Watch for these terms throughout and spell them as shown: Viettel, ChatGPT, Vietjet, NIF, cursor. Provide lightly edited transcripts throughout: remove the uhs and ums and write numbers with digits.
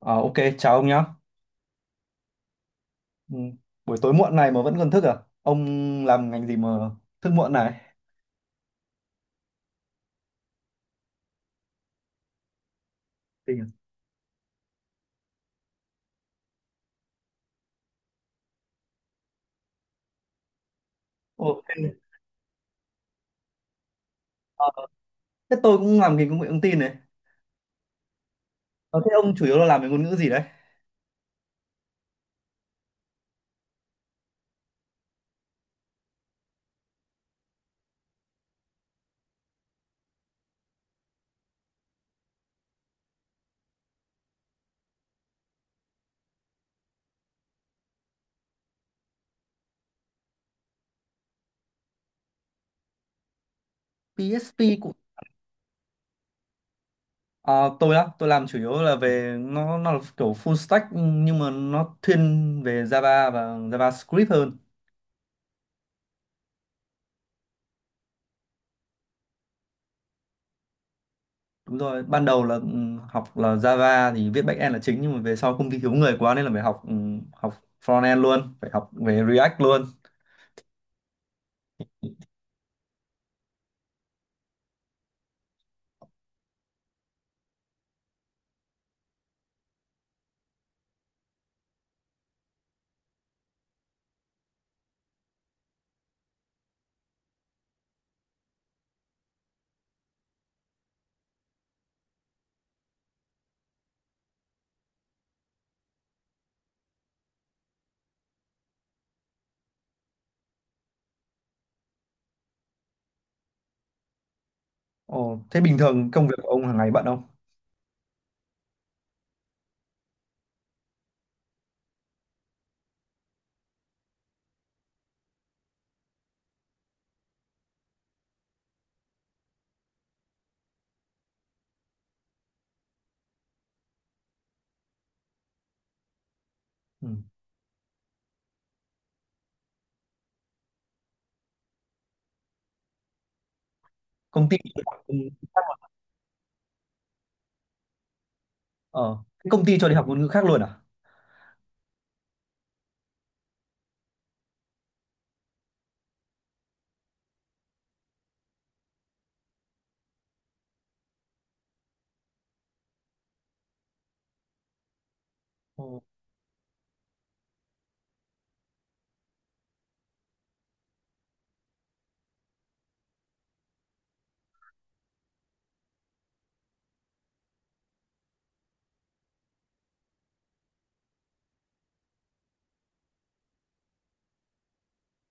À, ok, chào ông nhá. Ừ. Buổi tối muộn này mà vẫn còn thức à? Ông làm ngành gì mà thức muộn này? Tình à? Ok. Ờ, Thế tôi cũng làm ngành công nghệ thông tin này. Ờ, Thế ông chủ yếu là làm về ngôn ngữ gì đấy? PHP cũng. À, tôi làm chủ yếu là về nó là kiểu full stack nhưng mà nó thiên về Java và JavaScript hơn. Đúng rồi, ban đầu là học là Java thì viết backend là chính nhưng mà về sau công ty thiếu người quá nên là phải học học frontend luôn, phải học về React luôn. Ồ, thế bình thường công việc của ông hàng ngày bận không? Ừ. Công ty ờ, Thế công ty cho đi học ngôn ngữ khác luôn à? Ồ,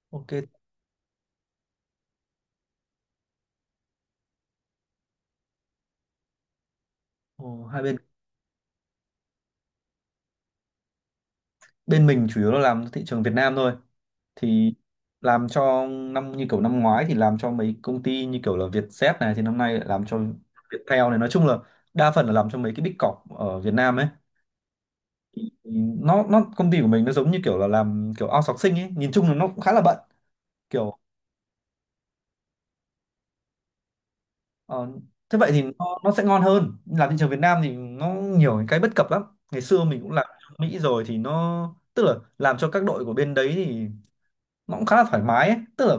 ok. Ồ, hai bên bên mình chủ yếu là làm thị trường Việt Nam thôi. Thì làm cho năm như kiểu năm ngoái thì làm cho mấy công ty như kiểu là Vietjet này, thì năm nay lại làm cho Viettel này, nói chung là đa phần là làm cho mấy cái big corp ở Việt Nam ấy. Thì nó công ty của mình nó giống như kiểu là làm kiểu outsourcing ấy, nhìn chung là nó cũng khá là bận. Kiểu. Ờ, Thế vậy thì nó sẽ ngon hơn. Làm thị trường Việt Nam thì nó nhiều cái bất cập lắm. Ngày xưa mình cũng làm ở Mỹ rồi thì nó, tức là làm cho các đội của bên đấy thì nó cũng khá là thoải mái ấy. Tức là,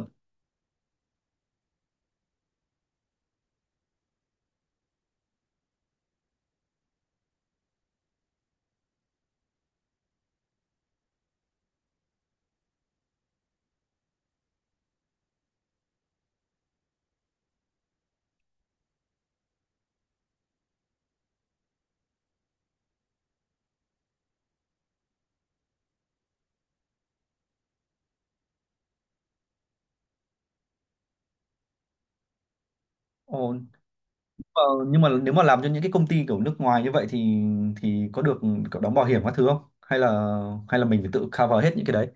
ồ, ờ, nhưng mà nếu mà làm cho những cái công ty kiểu nước ngoài như vậy thì có được kiểu đóng bảo hiểm các thứ không, hay là mình phải tự cover hết những cái đấy.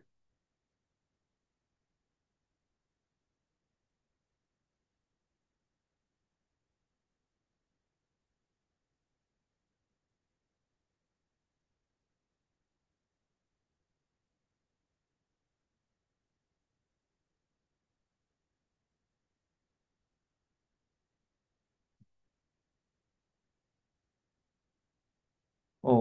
Ồ.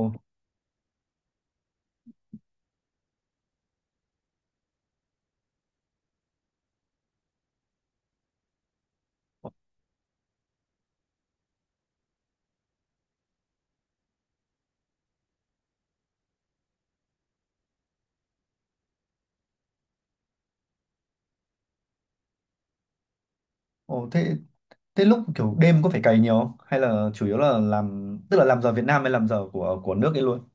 Ồ. thế thế lúc kiểu đêm có phải cày nhiều không, hay là chủ yếu là làm, tức là làm giờ Việt Nam hay làm giờ của nước ấy luôn?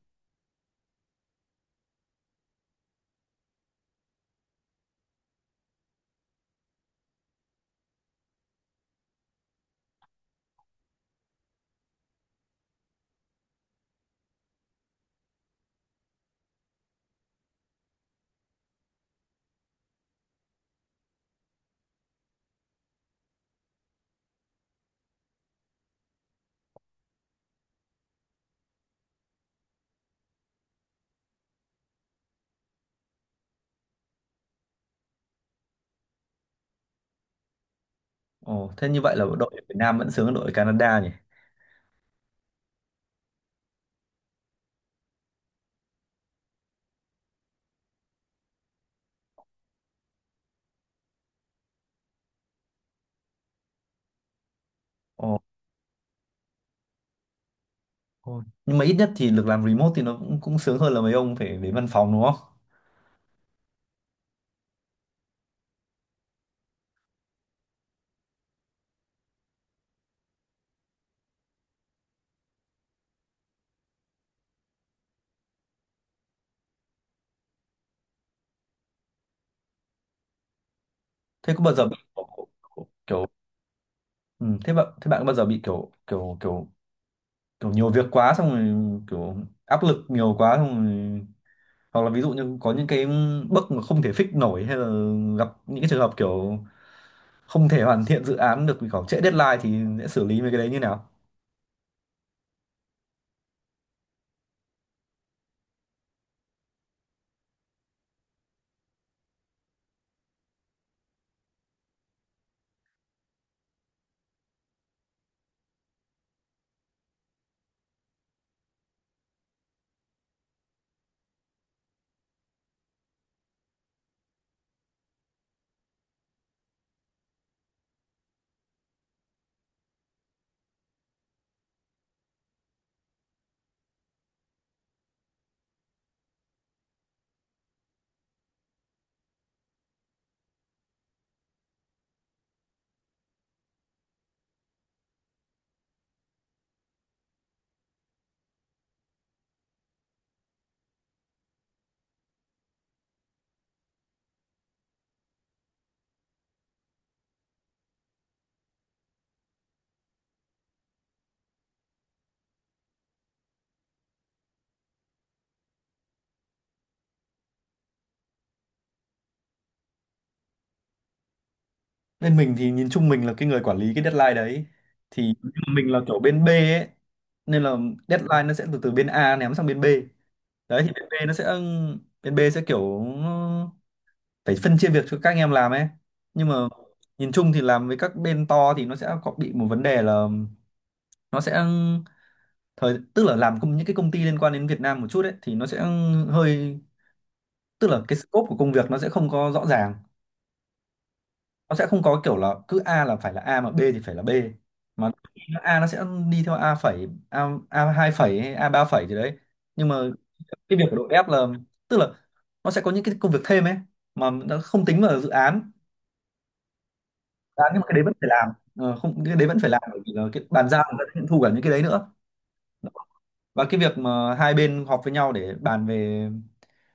Ồ, thế như vậy là đội Việt Nam vẫn sướng hơn đội Canada nhỉ? Ồ, thôi. Nhưng mà ít nhất thì được làm remote thì nó cũng cũng sướng hơn là mấy ông phải đến văn phòng đúng không? Thế có bao giờ bị kiểu, kiểu ừ, thế bạn Thế bạn có bao giờ bị kiểu kiểu kiểu kiểu nhiều việc quá, xong rồi kiểu áp lực nhiều quá, xong rồi, hoặc là ví dụ như có những cái bug mà không thể fix nổi, hay là gặp những cái trường hợp kiểu không thể hoàn thiện dự án được vì kiểu trễ deadline, thì sẽ xử lý mấy cái đấy như nào? Bên mình thì nhìn chung mình là cái người quản lý cái deadline đấy, thì nhưng mà mình là kiểu bên B ấy, nên là deadline nó sẽ từ từ bên A ném sang bên B. Đấy thì bên B sẽ kiểu phải phân chia việc cho các anh em làm ấy, nhưng mà nhìn chung thì làm với các bên to thì nó sẽ có bị một vấn đề là, nó sẽ thời tức là làm công những cái công ty liên quan đến Việt Nam một chút ấy thì nó sẽ hơi tức là cái scope của công việc nó sẽ không có rõ ràng. Nó sẽ không có kiểu là cứ A là phải là A mà B thì phải là B, mà A nó sẽ đi theo A phẩy, A hai phẩy hay A ba phẩy gì đấy, nhưng mà cái việc của đội F là, tức là nó sẽ có những cái công việc thêm ấy mà nó không tính vào dự án. Dự án nhưng mà cái đấy vẫn phải làm. Ờ, không cái đấy vẫn phải làm bởi vì là cái bàn giao người ta sẽ thu cả những cái đấy nữa. Và cái việc mà hai bên họp với nhau để bàn về,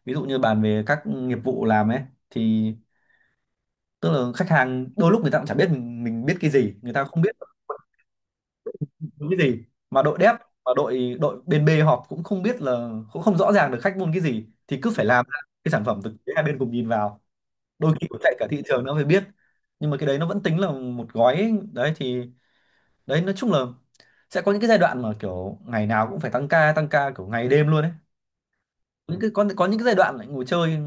ví dụ như bàn về các nghiệp vụ làm ấy, thì tức là khách hàng đôi lúc người ta cũng chả biết mình biết cái gì người ta không biết, môn cái gì mà đội dev và đội đội bên B họp cũng không biết là, cũng không rõ ràng được khách muốn cái gì, thì cứ phải làm ra cái sản phẩm thực tế hai bên cùng nhìn vào. Đôi khi cũng chạy cả thị trường nó mới biết, nhưng mà cái đấy nó vẫn tính là một gói ấy. Đấy thì, đấy nói chung là sẽ có những cái giai đoạn mà kiểu ngày nào cũng phải tăng ca kiểu ngày đêm luôn ấy, những cái có những cái giai đoạn lại ngồi chơi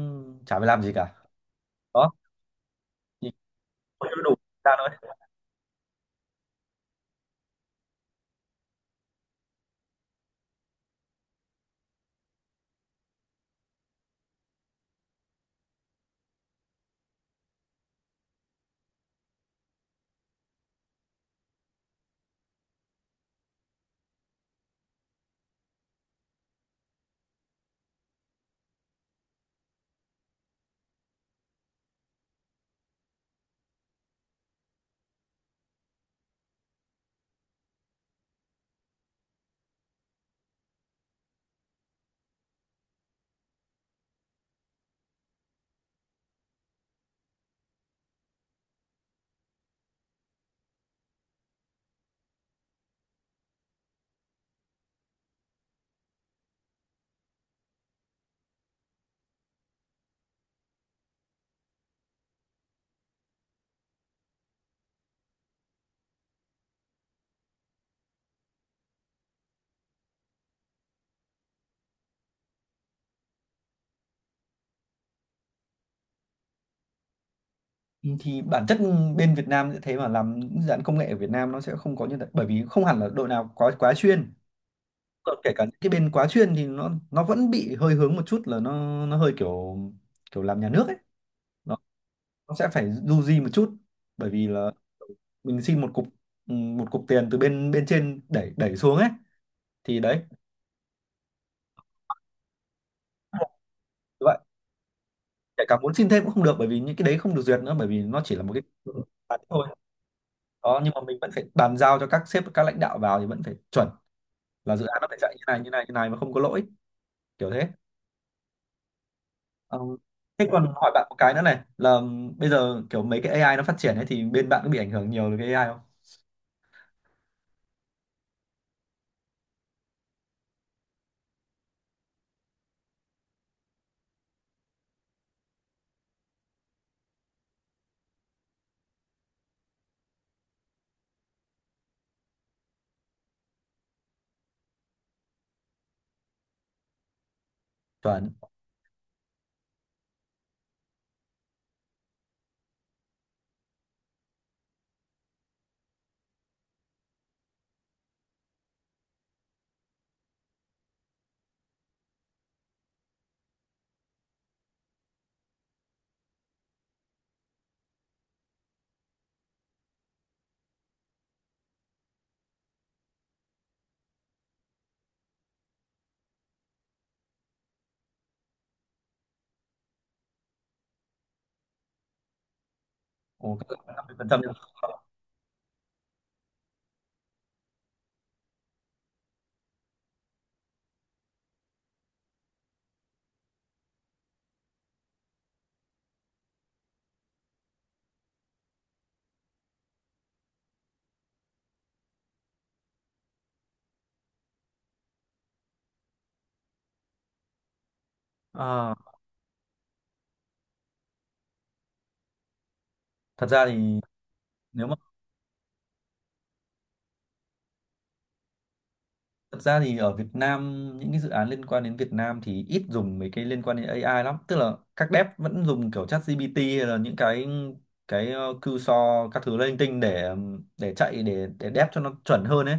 chả phải làm gì cả. Đó thì, không đủ ra thôi. Ừ, thì bản chất bên Việt Nam sẽ thế, mà làm những dự án công nghệ ở Việt Nam nó sẽ không có như thế bởi vì không hẳn là đội nào quá quá chuyên. Còn kể cả những cái bên quá chuyên thì nó vẫn bị hơi hướng một chút, là nó hơi kiểu, kiểu làm nhà nước ấy, nó, nó sẽ phải du di một chút bởi vì là mình xin một cục, ừ, một cục tiền từ bên bên trên đẩy đẩy xuống ấy thì đấy, vậy kể cả muốn xin thêm cũng không được bởi vì những cái đấy không được duyệt nữa, bởi vì nó chỉ là một cái dự án thôi. Đó, nhưng mà mình vẫn phải bàn giao cho các sếp các lãnh đạo vào thì vẫn phải chuẩn là dự án nó phải chạy như này như này như này mà không có lỗi kiểu thế. Ờ, Thế còn hỏi bạn một cái nữa này là bây giờ kiểu mấy cái AI nó phát triển ấy, thì bên bạn có bị ảnh hưởng nhiều từ cái AI không? Chuẩn. Ồ, các bạn 50% nhỉ? Ờ, thật ra thì nếu mà Thật ra thì ở Việt Nam những cái dự án liên quan đến Việt Nam thì ít dùng mấy cái liên quan đến AI lắm, tức là các dev vẫn dùng kiểu ChatGPT hay là những cái cursor các thứ linh tinh để chạy, để dev cho nó chuẩn hơn ấy.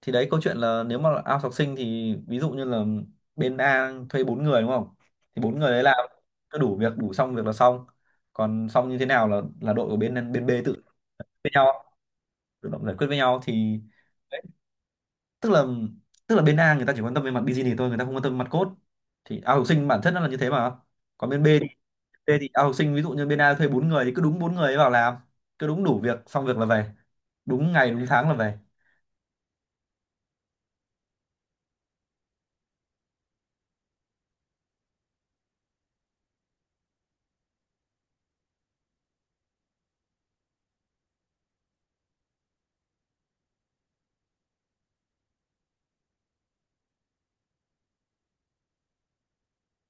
Thì đấy câu chuyện là nếu mà out học sinh thì ví dụ như là bên A thuê bốn người đúng không, thì bốn người đấy làm cứ đủ việc đủ xong việc là xong. Còn xong như thế nào là đội của bên bên B với nhau tự động giải quyết với nhau thì đấy, tức là bên A người ta chỉ quan tâm về mặt business thôi, người ta không quan tâm về mặt code, thì out học sinh bản chất nó là như thế mà, còn bên B thì out học sinh ví dụ như bên A thuê bốn người thì cứ đúng bốn người ấy vào làm, cứ đúng đủ việc xong việc là về, đúng ngày đúng tháng là về.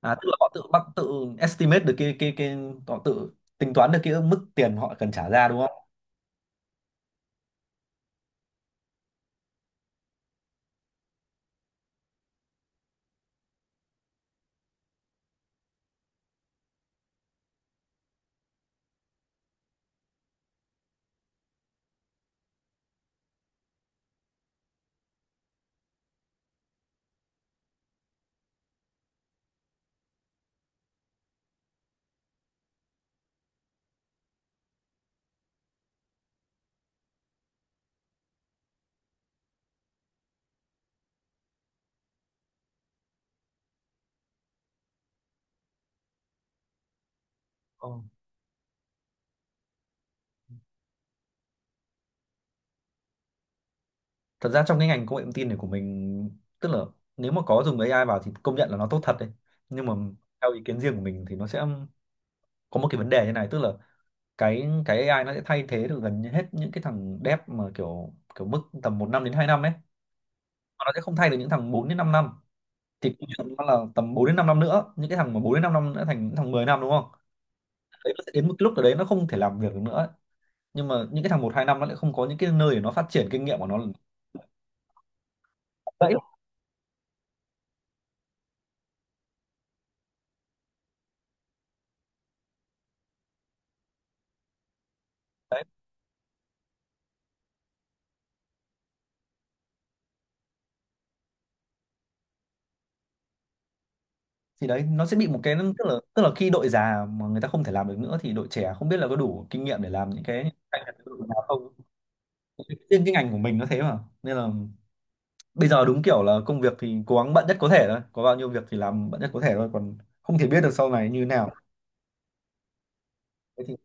À, tức là họ tự estimate được cái họ tự tính toán được cái mức tiền họ cần trả ra đúng không? Ờ. Thật ra trong cái ngành công nghệ thông tin này của mình, tức là nếu mà có dùng AI vào thì công nhận là nó tốt thật đấy. Nhưng mà theo ý kiến riêng của mình thì nó sẽ có một cái vấn đề như này, tức là cái AI nó sẽ thay thế được gần như hết những cái thằng dev mà kiểu kiểu mức tầm một năm đến 2 năm ấy. Mà nó sẽ không thay được những thằng 4 đến 5 năm. Thì công nhận nó là tầm 4 đến 5 năm nữa, những cái thằng mà bốn đến 5 năm nữa thành những thằng 10 năm đúng không? Đấy, nó sẽ đến một cái lúc ở đấy nó không thể làm việc được nữa, nhưng mà những cái thằng một hai năm nó lại không có những cái nơi để nó phát triển kinh nghiệm của nó. Đấy, đấy thì đấy nó sẽ bị một cái, tức là khi đội già mà người ta không thể làm được nữa thì đội trẻ không biết là có đủ kinh nghiệm để làm những cái cạnh tranh với đội già không. Riêng cái ngành của mình nó thế mà nên là bây giờ đúng kiểu là công việc thì cố gắng bận nhất có thể thôi, có bao nhiêu việc thì làm bận nhất có thể thôi, còn không thể biết được sau này như thế nào. Thế thì,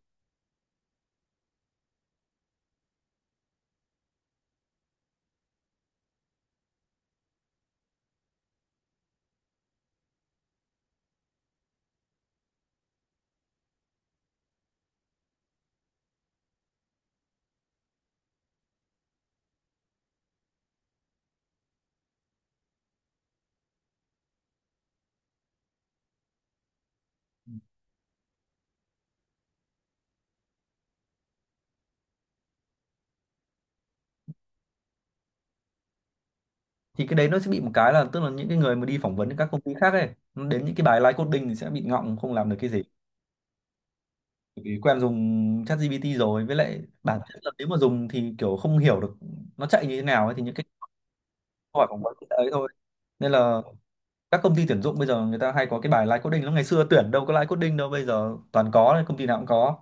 cái đấy nó sẽ bị một cái là, tức là những cái người mà đi phỏng vấn các công ty khác ấy, nó đến những cái bài live coding thì sẽ bị ngọng không làm được cái gì vì quen dùng ChatGPT rồi, với lại bản thân là nếu mà dùng thì kiểu không hiểu được nó chạy như thế nào ấy, thì những cái câu hỏi phỏng vấn ấy thôi, nên là các công ty tuyển dụng bây giờ người ta hay có cái bài live coding lắm, ngày xưa tuyển đâu có live coding đâu, bây giờ toàn có công ty nào cũng có.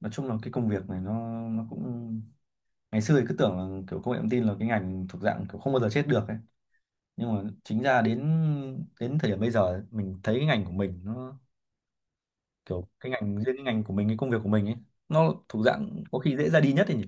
Nói chung là cái công việc này nó cũng ngày xưa thì cứ tưởng là kiểu công nghệ thông tin là cái ngành thuộc dạng kiểu không bao giờ chết được ấy, nhưng mà chính ra đến đến thời điểm bây giờ ấy, mình thấy cái ngành của mình nó kiểu cái ngành riêng cái ngành của mình cái công việc của mình ấy, nó thuộc dạng có khi dễ ra đi nhất ấy nhỉ?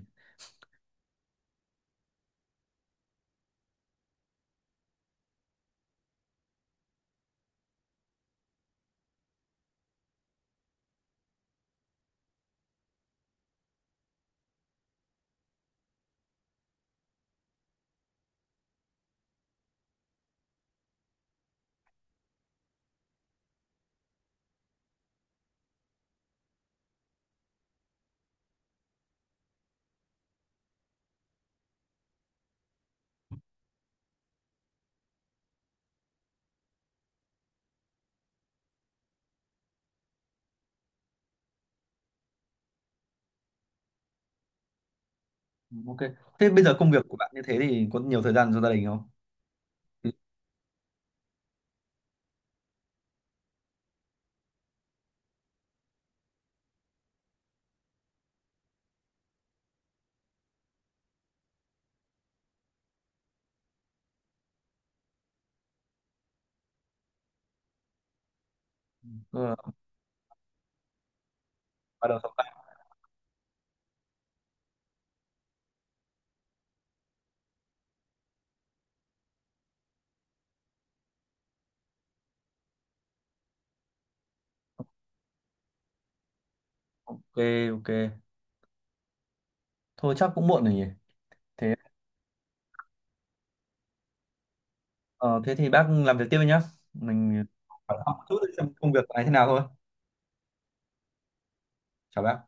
Ừ, ok. Thế bây giờ công việc của bạn như thế thì có nhiều thời gian cho gia đình không? Ừ. Ờ, bắt đầu xong lại. Ok, ok. Thôi chắc cũng muộn rồi nhỉ. Thế ờ, Thế thì bác làm việc tiếp đi nhá. Mình hỏi thăm một chút xem công việc của anh thế nào thôi. Chào bác.